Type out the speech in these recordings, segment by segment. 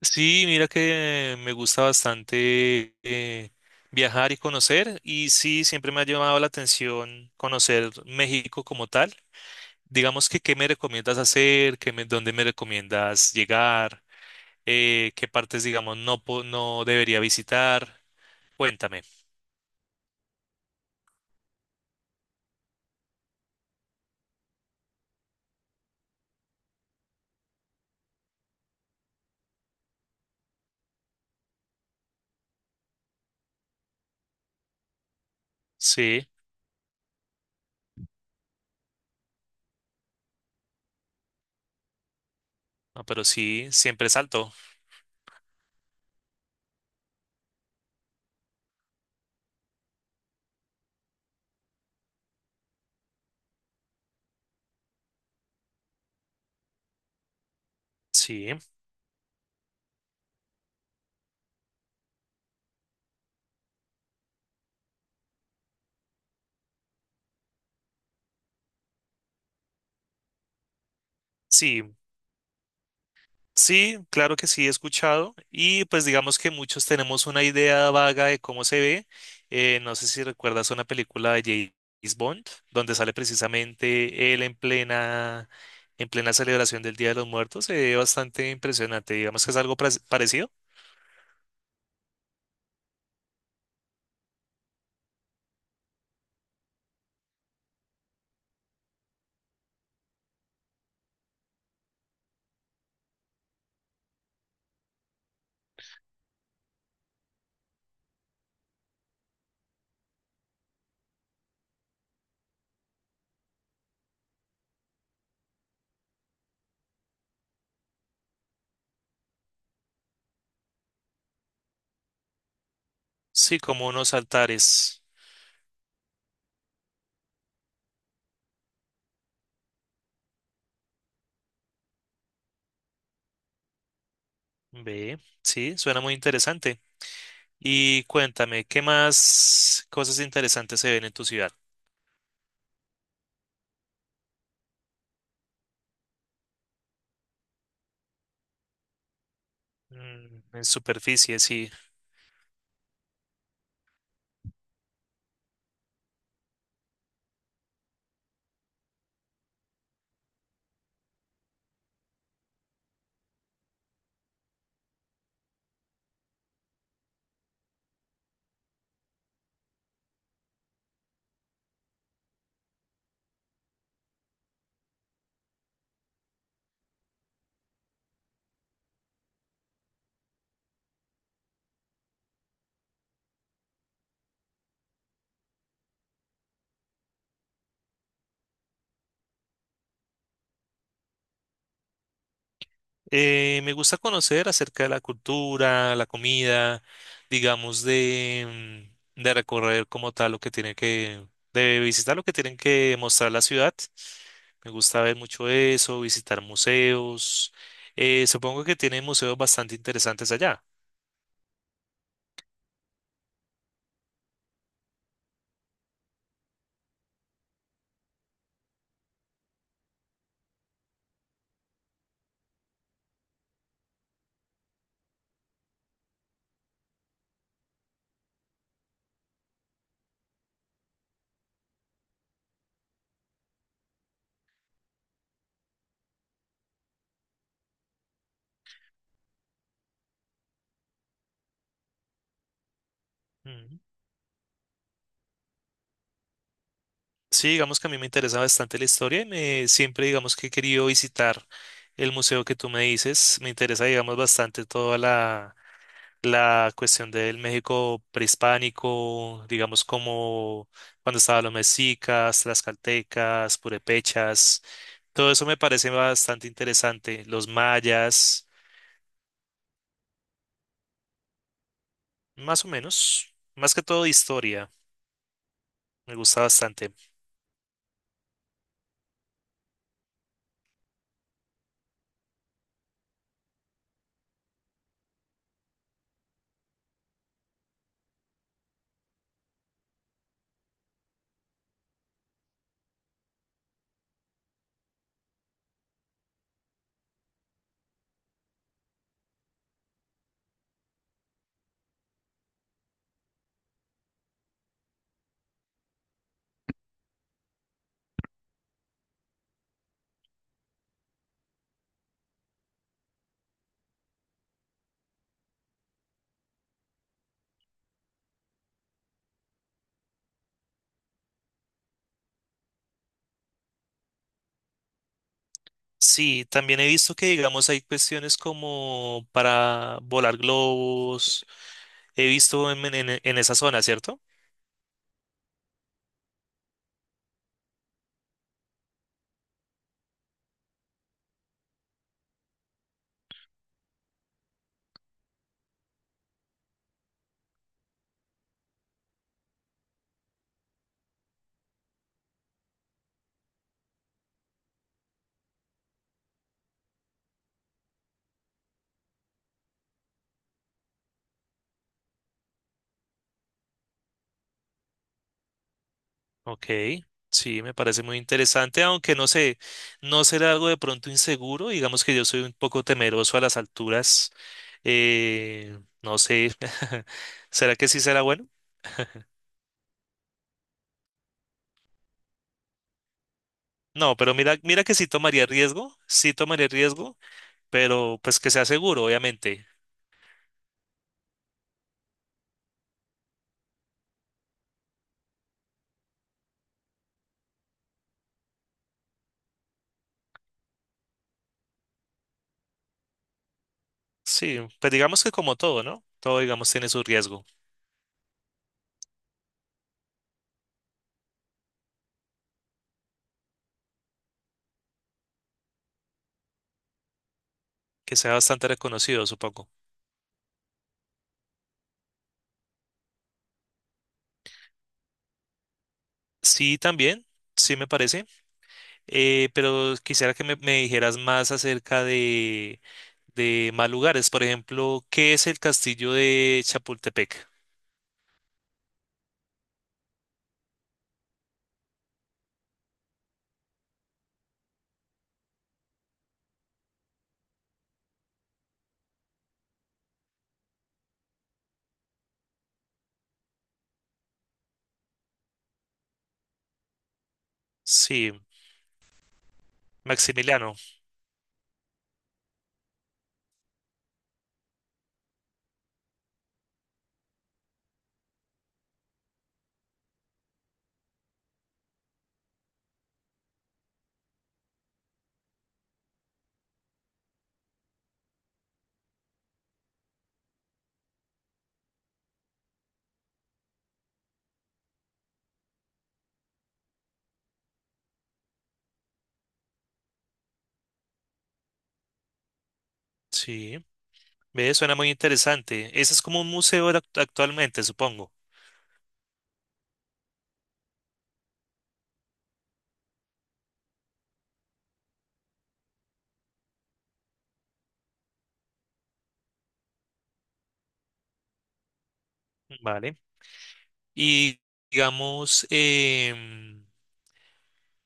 Sí, mira que me gusta bastante viajar y conocer y sí, siempre me ha llamado la atención conocer México como tal. Digamos que qué me recomiendas hacer, dónde me recomiendas llegar, qué partes, digamos, no, no debería visitar. Cuéntame. Sí, no, pero sí, siempre salto. Sí, sí. Sí, claro que sí, he escuchado y pues digamos que muchos tenemos una idea vaga de cómo se ve. No sé si recuerdas una película de James Bond, donde sale precisamente él en plena celebración del Día de los Muertos. Se ve bastante impresionante, digamos que es algo parecido. Sí, como unos altares. Ve, sí, suena muy interesante. Y cuéntame, ¿qué más cosas interesantes se ven en tu ciudad? Mm, en superficie, sí. Me gusta conocer acerca de la cultura, la comida, digamos, de recorrer como tal lo de visitar lo que tienen que mostrar la ciudad. Me gusta ver mucho eso, visitar museos. Supongo que tienen museos bastante interesantes allá. Sí, digamos que a mí me interesa bastante la historia siempre digamos que he querido visitar el museo que tú me dices. Me interesa, digamos, bastante toda la cuestión del México prehispánico, digamos, como cuando estaban los mexicas, tlaxcaltecas, purépechas. Todo eso me parece bastante interesante. Los mayas, más o menos, más que todo de historia. Me gusta bastante. Sí, también he visto que, digamos, hay cuestiones como para volar globos. He visto en esa zona, ¿cierto? Ok, sí, me parece muy interesante, aunque no sé, no será algo de pronto inseguro, digamos que yo soy un poco temeroso a las alturas, no sé, ¿será que sí será bueno? No, pero mira, mira que sí tomaría riesgo, pero pues que sea seguro, obviamente. Sí, pues digamos que como todo, ¿no? Todo, digamos, tiene su riesgo, que sea bastante reconocido, supongo. Sí, también, sí me parece. Pero quisiera me dijeras más acerca de más lugares. Por ejemplo, ¿qué es el castillo de Chapultepec? Sí, Maximiliano. Sí, ve, suena muy interesante. Ese es como un museo actualmente, supongo. Vale. Y digamos,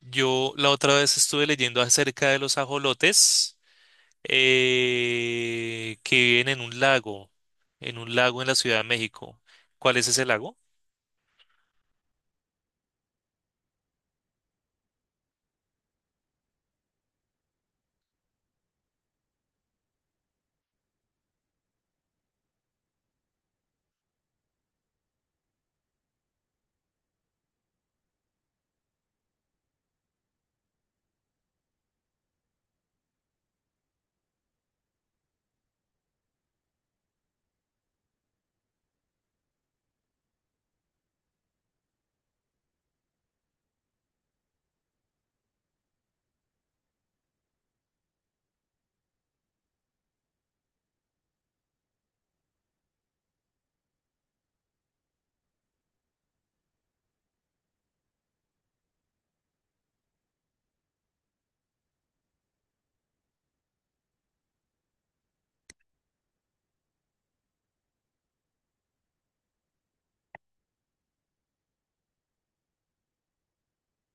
yo la otra vez estuve leyendo acerca de los ajolotes que viven en un lago, en un lago en la Ciudad de México. ¿Cuál es ese lago?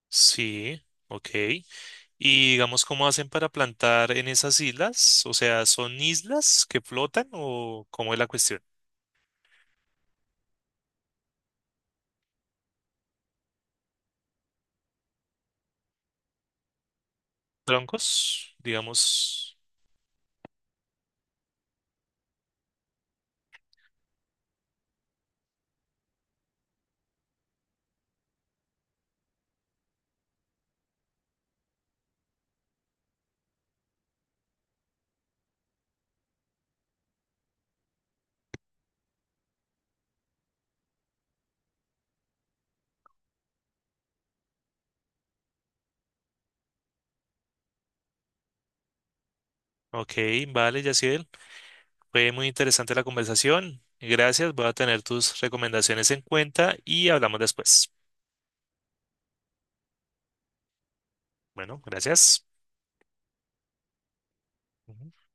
Sí, ok. Y digamos, ¿cómo hacen para plantar en esas islas? O sea, ¿son islas que flotan o cómo es la cuestión? Troncos, digamos. Ok, vale, Yaciel. Fue muy interesante la conversación. Gracias, voy a tener tus recomendaciones en cuenta y hablamos después. Bueno, gracias. Ujú.